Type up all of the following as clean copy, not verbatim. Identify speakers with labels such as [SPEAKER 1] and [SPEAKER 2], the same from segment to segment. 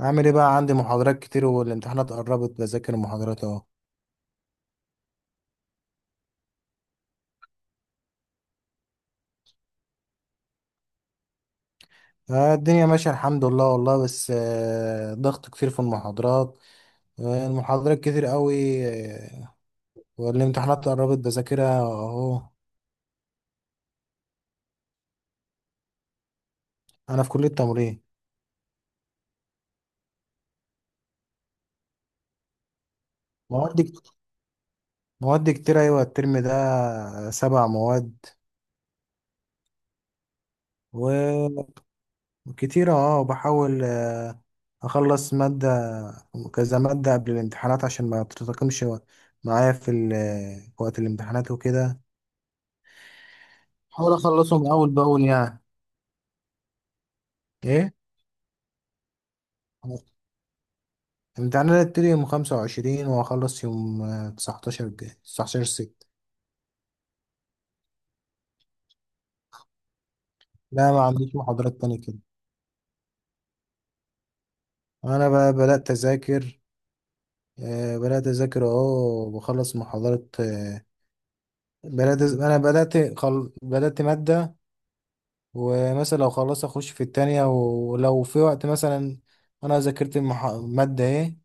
[SPEAKER 1] عامل ايه بقى. عندي محاضرات كتير والامتحانات قربت، بذاكر المحاضرات اهو. الدنيا ماشية الحمد لله والله، بس ضغط كتير في المحاضرات. المحاضرات كتير قوي. آه، والامتحانات قربت، بذاكرها اهو. انا في كلية تمريض. مواد كت- مواد كتير، ايوه الترم ده 7 مواد وكتير. اه بحاول اخلص مادة، كذا مادة قبل الامتحانات عشان ما تتراكمش معايا في وقت الامتحانات وكده، حاول اخلصهم اول باول يعني. ايه، امتحاننا هتبتدي يوم 25 وهخلص يوم 19 الجاي، 19/6. لا، ما عنديش محاضرات تاني كده. انا بقى بدأت اذاكر، بدأت اذاكر اهو، بخلص محاضرات بدأت مادة، ومثلا لو خلصت اخش في التانية، ولو في وقت مثلا مادة ايه،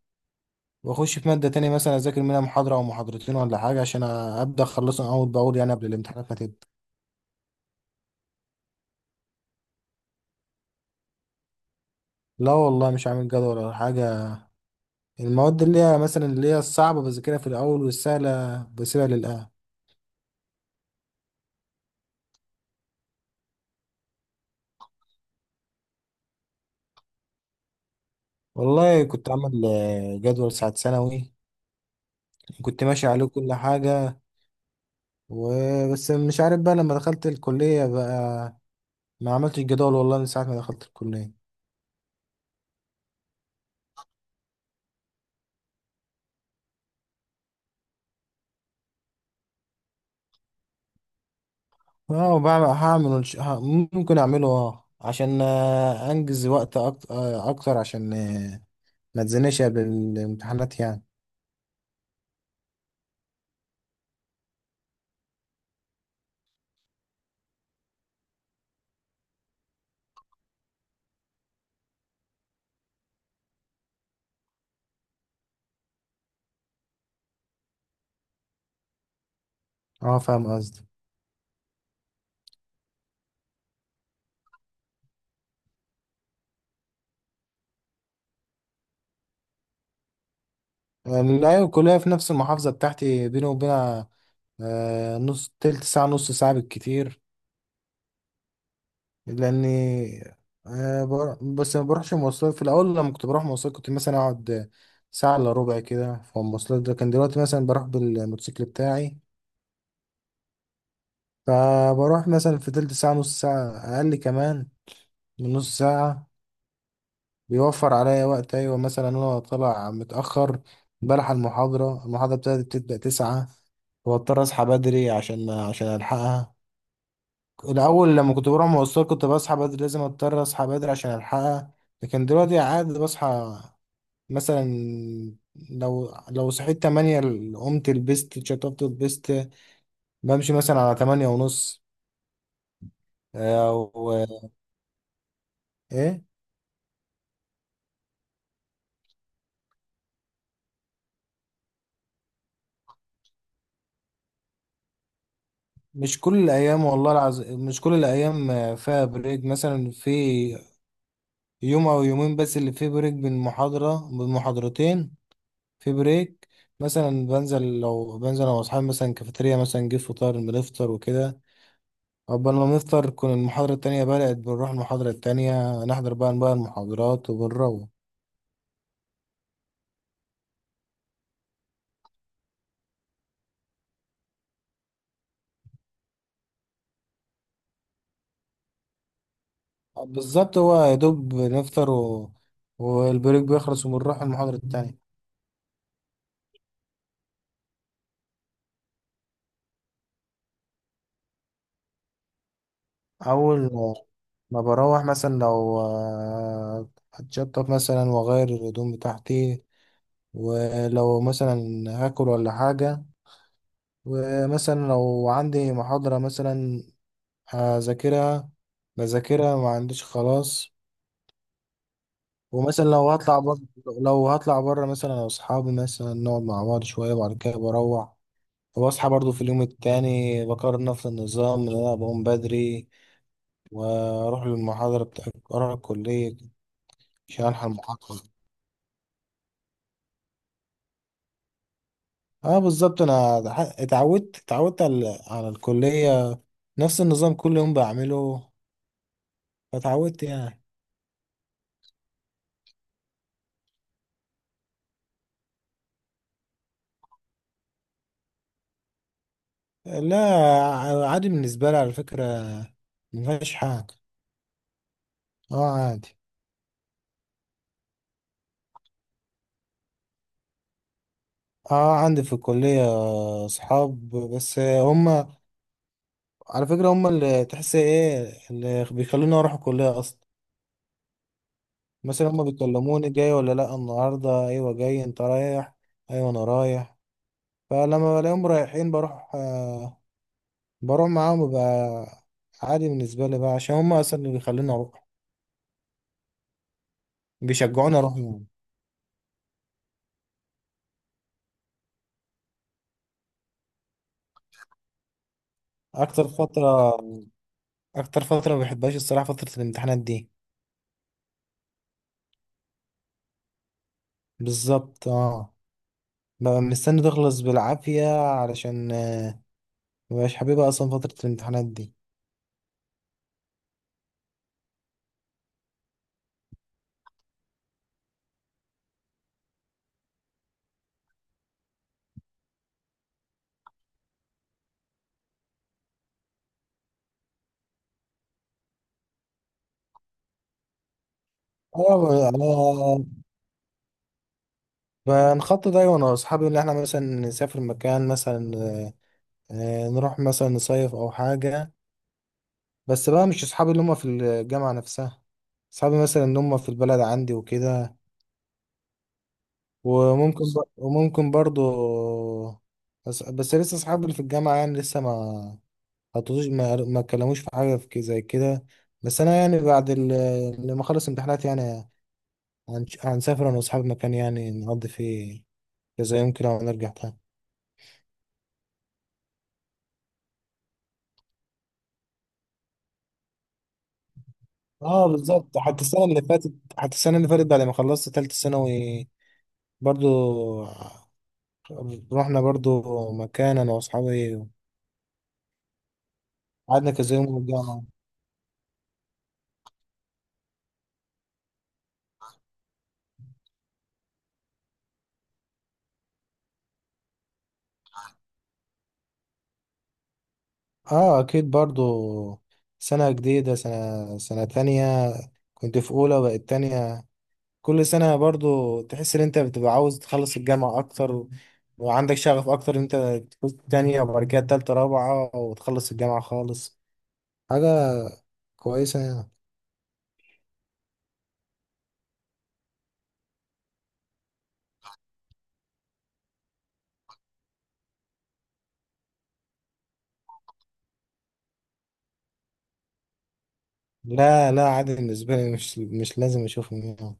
[SPEAKER 1] واخش في مادة تانية مثلا اذاكر منها محاضرة او محاضرتين ولا حاجة عشان ابدأ اخلصهم اول باول يعني قبل الامتحانات ما تبدأ. لا والله، مش عامل جدول ولا حاجة. المواد اللي هي مثلا اللي هي الصعبة بذاكرها في الأول، والسهلة بسيبها للآخر. والله كنت عامل جدول ساعة ثانوي، كنت ماشي عليه كل حاجة. وبس مش عارف بقى، لما دخلت الكلية بقى ما عملتش جدول والله من ساعة ما دخلت الكلية. اه، هعمل ممكن أعمله، اه عشان أنجز وقت أكتر، عشان ما تزنقش قبل الامتحانات يعني. اه، فاهم قصدي. لا، الكلية في نفس المحافظة بتاعتي، بيني وبينها نص تلت ساعة، نص ساعة بالكتير. لأني بس ما بروحش مواصلات. في الأول لما كنت بروح مواصلات كنت مثلا أقعد ساعة إلا ربع كده في المواصلات، ده كان. دلوقتي مثلا بروح بالموتوسيكل بتاعي، فبروح مثلا في تلت ساعة، نص ساعة، أقل كمان من نص ساعة. بيوفر عليا وقت، أيوة. مثلا أنا طالع متأخر، بلحق المحاضرة بتاعتي بتبدأ 9، واضطر اصحى بدري عشان الحقها. الأول لما كنت بروح مواصلات كنت بصحى بدري، لازم أضطر أصحى بدري عشان ألحقها. لكن دلوقتي عادي بصحى مثلا، لو صحيت 8، قمت لبست اتشطبت لبست، بمشي مثلا على 8:30، أو. إيه، مش كل الأيام والله العظيم، مش كل الأيام فيها بريك. مثلا في يوم أو يومين بس اللي فيه بريك، بين محاضرة بين محاضرتين في بريك. مثلا بنزل، لو بنزل أنا وأصحابي مثلا كافيتيريا، مثلا نجيب فطار بنفطر وكده. قبل ما نفطر تكون المحاضرة التانية بدأت، بنروح المحاضرة التانية نحضر بقى المحاضرات، وبنروح. بالظبط، هو يا دوب نفطر والبريك بيخلص، وبنروح المحاضرة التانية. أول ما بروح مثلا، لو هتشطف مثلا وأغير الهدوم بتاعتي، ولو مثلا هاكل ولا حاجة. ومثلا لو عندي محاضرة مثلا هذاكرها، بذاكرها ما عنديش خلاص. ومثلا لو هطلع بره، مثلا انا واصحابي مثلا نقعد مع بعض شويه، وبعد كده بروح. وبصحى برضو في اليوم التاني بكرر نفس النظام، ان انا بقوم بدري واروح للمحاضره بتاع اروح الكليه عشان الحق المحاضره. اه بالظبط، انا اتعودت على الكليه، نفس النظام كل يوم بعمله، فاتعودت يعني. لا، عادي بالنسبه لي، على فكره مفيهاش حاجه. اه عادي. اه عندي في الكلية اصحاب، بس هم على فكرة هم اللي، تحس ايه، اللي بيخلوني اروح الكلية اصلا. مثلا هم بيكلموني، جاي ولا لا؟ النهاردة، ايوه جاي، انت رايح؟ ايوه انا رايح. فلما بلاقيهم رايحين، بروح معاهم بقى. عادي بالنسبة لي بقى، عشان هم اصلا اللي بيخلوني اروح، بيشجعوني اروح يعني. اكتر فترة، ما بحبهاش الصراحة فترة الامتحانات دي. بالظبط اه، ببقى مستني تخلص بالعافية، علشان مبقاش حاببها اصلا فترة الامتحانات دي. اه، انا بنخطط دايما انا واصحابي ان احنا مثلا نسافر مكان مثلا، نروح مثلا نصيف او حاجة. بس بقى مش اصحابي اللي هم في الجامعة نفسها، اصحابي مثلا اللي هم في البلد عندي وكده. وممكن برضو. بس لسه اصحابي اللي في الجامعة يعني لسه ما حطوش، ما اتكلموش في حاجة، زي كده. بس انا يعني بعد لما اخلص امتحانات يعني، هنسافر أنا وأصحابي مكان يعني، نقضي فيه كذا يوم كده ونرجع تاني. اه بالظبط، حتى السنة اللي فاتت، بعد ما خلصت تالتة ثانوي برضو، رحنا برضو مكان أنا وأصحابي، قعدنا كذا يوم ورجعنا. آه أكيد برضو، سنة جديدة، سنة تانية. كنت في أولى بقت تانية. كل سنة برضو تحس ان انت بتبقى عاوز تخلص الجامعة اكتر، وعندك شغف اكتر، ان انت تكون تانية وبعد كده تالتة رابعة وتخلص الجامعة خالص. حاجة كويسة يعني. لا لا، عادي بالنسبة لي، مش لازم اشوفهم يعني.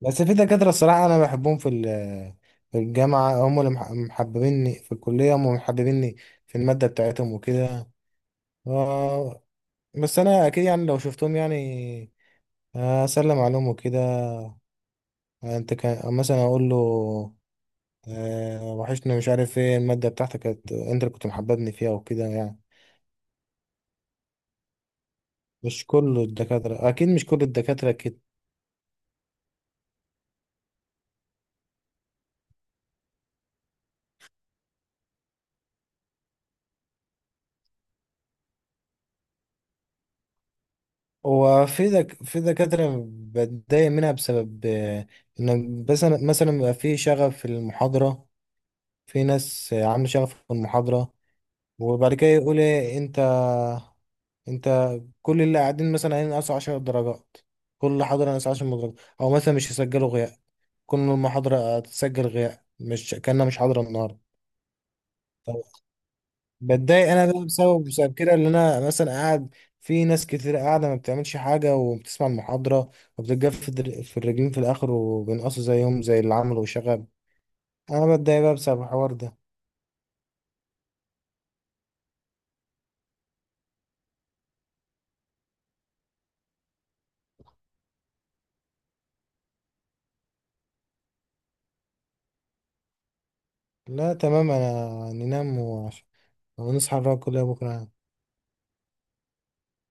[SPEAKER 1] بس في دكاترة، الصراحة انا بحبهم في الجامعة، هم اللي محببيني في الكلية، هم اللي محببيني في المادة بتاعتهم وكده. آه، بس انا اكيد يعني لو شفتهم يعني، اسلم عليهم وكده. انت كان مثلا اقول له وحشني، مش عارف ايه، المادة بتاعتك كانت انت اللي كنت محببني فيها وكده يعني. مش كل الدكاترة، اكيد مش كل الدكاترة كده. هو في دكاترة بتضايق منها بسبب ان، بس مثلا بيبقى في شغف في المحاضرة، في ناس عاملة شغف في المحاضرة، وبعد كده يقول ايه، انت انت كل اللي قاعدين مثلا هينقصوا 10 درجات، كل حاضر هينقص 10 درجات، او مثلا مش يسجلوا غياب، كل المحاضرة هتسجل غياب مش كأنها مش حاضرة النهاردة. بتضايق انا بقى بسبب كده، اللي انا مثلا قاعد في ناس كتير قاعده ما بتعملش حاجه وبتسمع المحاضره، وبتتجف في الرجلين في الاخر، وبينقصوا زيهم زي اللي عملوا شغب. انا بتضايق بقى بسبب الحوار ده. لا تمام، انا ننام ونصحى نراقب كلها بكره.